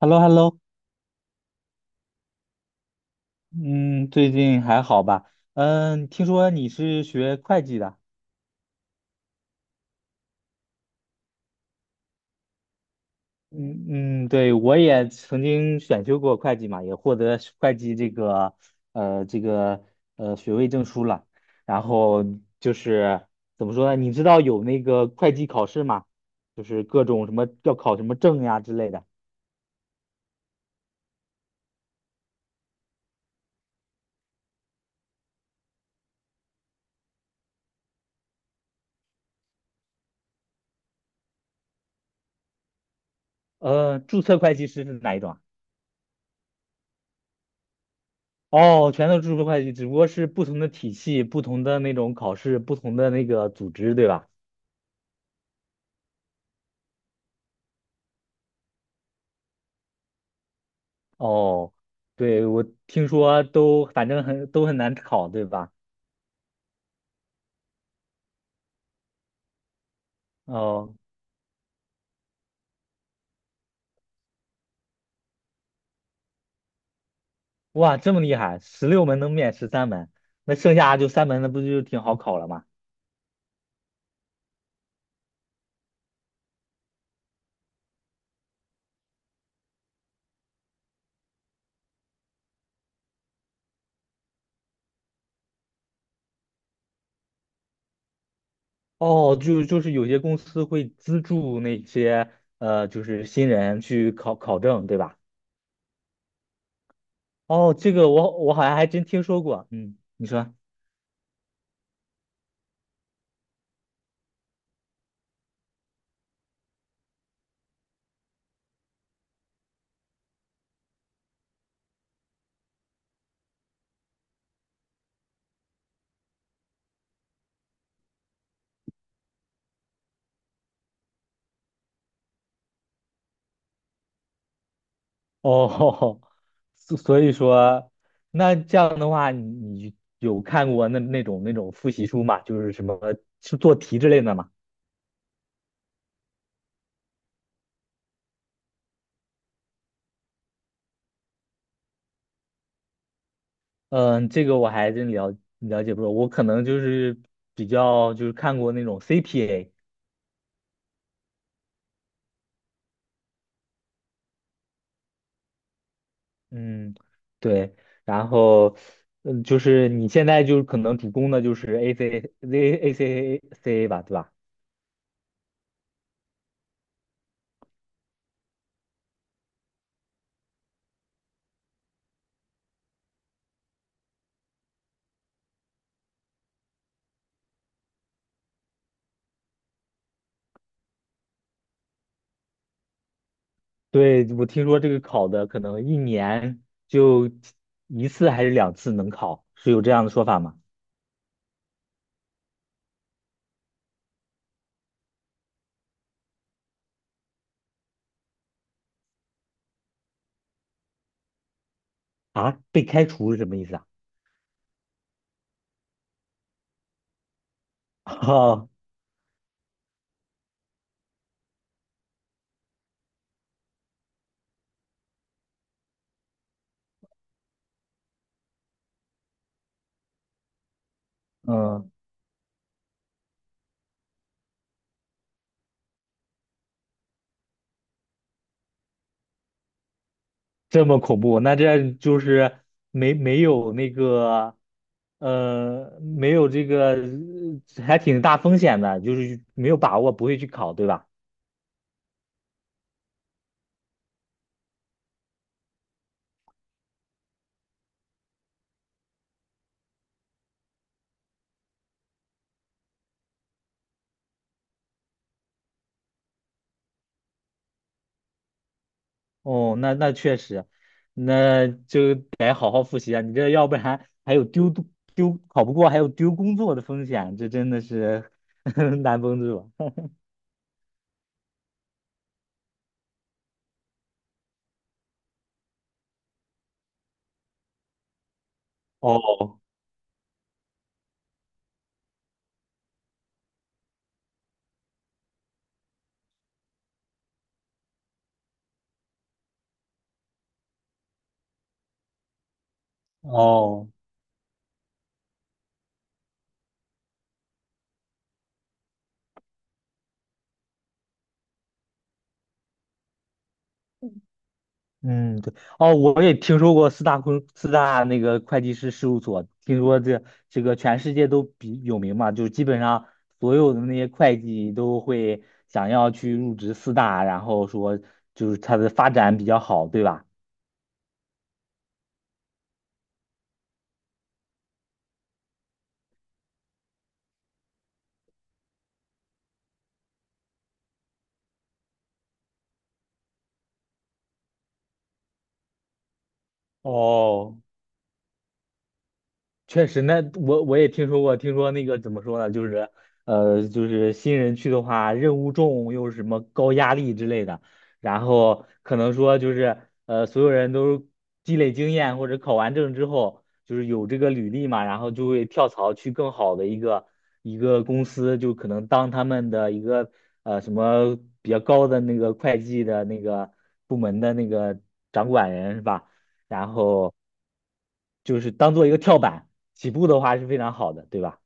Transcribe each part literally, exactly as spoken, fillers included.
h e l l o h e l l o。 嗯，最近还好吧？嗯，听说你是学会计的。嗯嗯，对，我也曾经选修过会计嘛，也获得会计这个呃这个呃学位证书了。然后就是怎么说呢？你知道有那个会计考试吗？就是各种什么要考什么证呀之类的。呃，注册会计师是哪一种啊？哦，全都是注册会计，只不过是不同的体系、不同的那种考试、不同的那个组织，对吧？哦，对，我听说都反正很都很难考，对吧？哦，哇，这么厉害，十六门能免十三门，那剩下就三门，那不就挺好考了吗？哦，就就是有些公司会资助那些呃，就是新人去考考证，对吧？哦，这个我我好像还真听说过，嗯，你说。哦，所所以说，那这样的话，你你有看过那那种那种复习书吗？就是什么是做题之类的吗？嗯，这个我还真了了解不多，我可能就是比较就是看过那种 C P A。嗯，对，然后嗯，就是你现在就是可能主攻的就是 AC Z A C A C A 吧，对吧？对，我听说这个考的可能一年就一次还是两次能考，是有这样的说法吗？啊，被开除是什么意思啊？哦，嗯，这么恐怖，那这就是没没有那个，呃，没有这个，呃还挺大风险的，就是没有把握，不会去考，对吧？哦，那那确实，那就得好好复习啊！你这要不然还有丢丢丢考不过，还有丢工作的风险，这真的是 难绷住。哦哦。嗯，对。哦，我也听说过四大公四大那个会计师事务所，听说这这个全世界都比有名嘛，就基本上所有的那些会计都会想要去入职四大，然后说就是它的发展比较好，对吧？哦，确实。那我我也听说过，听说那个怎么说呢，就是呃，就是新人去的话，任务重又是什么高压力之类的，然后可能说就是呃，所有人都积累经验或者考完证之后，就是有这个履历嘛，然后就会跳槽去更好的一个一个公司，就可能当他们的一个呃什么比较高的那个会计的那个部门的那个掌管人是吧？然后就是当做一个跳板，起步的话是非常好的，对吧？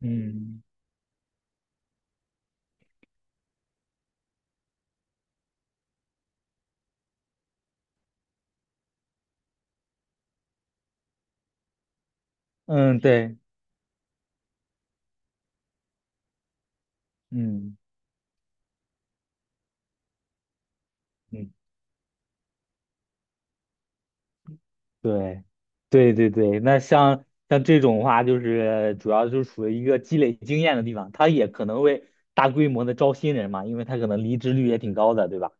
嗯嗯，对，嗯，嗯对，对对对。那像像这种的话，就是主要就是属于一个积累经验的地方，他也可能会大规模的招新人嘛，因为他可能离职率也挺高的，对吧？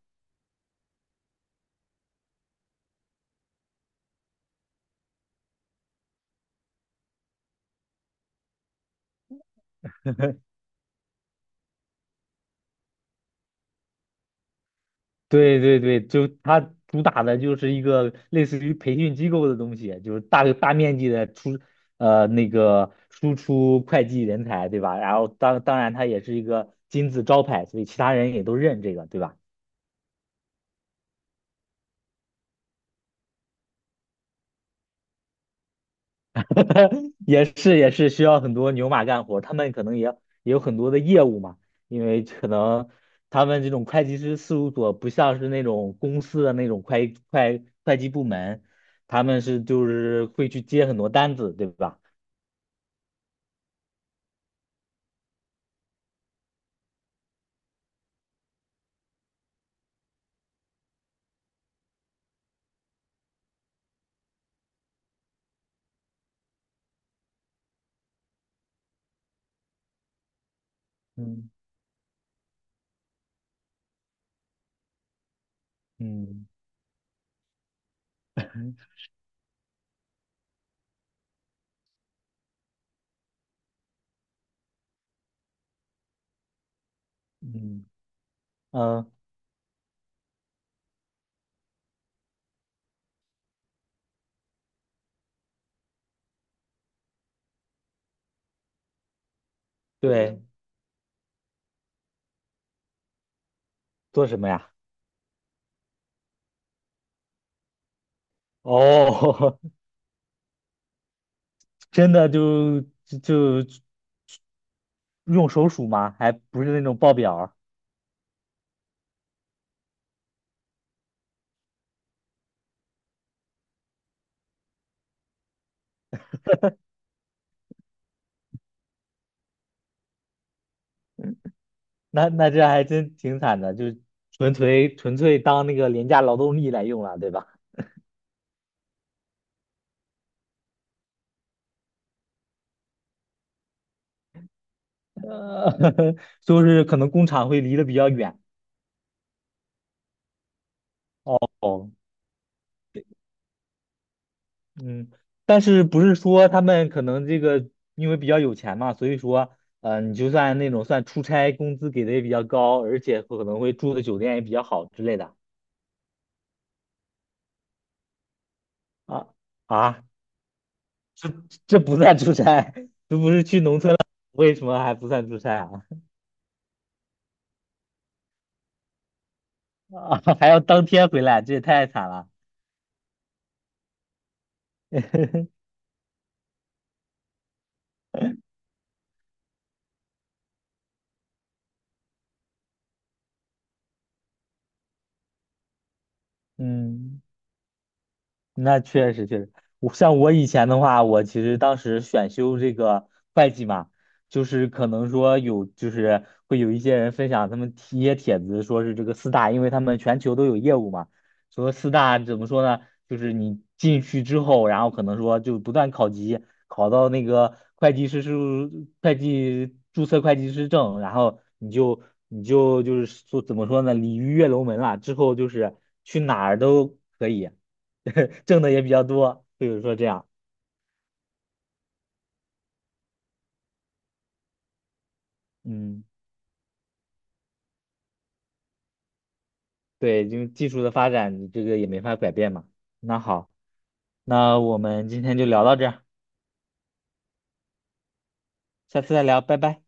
对对对，就它主打的就是一个类似于培训机构的东西，就是大大面积的出呃那个输出会计人才，对吧？然后当当然它也是一个金字招牌，所以其他人也都认这个，对吧？也是也是需要很多牛马干活，他们可能也也有很多的业务嘛，因为可能他们这种会计师事务所不像是那种公司的那种会会会计部门，他们是就是会去接很多单子，对吧？嗯。嗯嗯嗯嗯对，做什么呀？哦，真的就就就用手数吗？还不是那种报表儿。那那这还真挺惨的，就纯粹纯粹当那个廉价劳动力来用了，对吧？呃，就是可能工厂会离得比较远。哦。嗯，但是不是说他们可能这个因为比较有钱嘛，所以说，呃，你就算那种算出差，工资给的也比较高，而且可能会住的酒店也比较好之类的。啊啊，这这不算出差，这不是去农村了，为什么还不算出差啊？啊，还要当天回来，这也太惨了。嗯。那确实确实，我像我以前的话，我其实当时选修这个会计嘛，就是可能说有，就是会有一些人分享他们一些帖子，说是这个四大，因为他们全球都有业务嘛，说四大怎么说呢？就是你进去之后，然后可能说就不断考级，考到那个会计师事务会计注册会计师证，然后你就你就就是说怎么说呢？鲤鱼跃龙门了，之后就是去哪儿都可以。挣的也比较多，比如说这样。嗯，对，因为技术的发展，你这个也没法改变嘛。那好，那我们今天就聊到这儿，下次再聊，拜拜。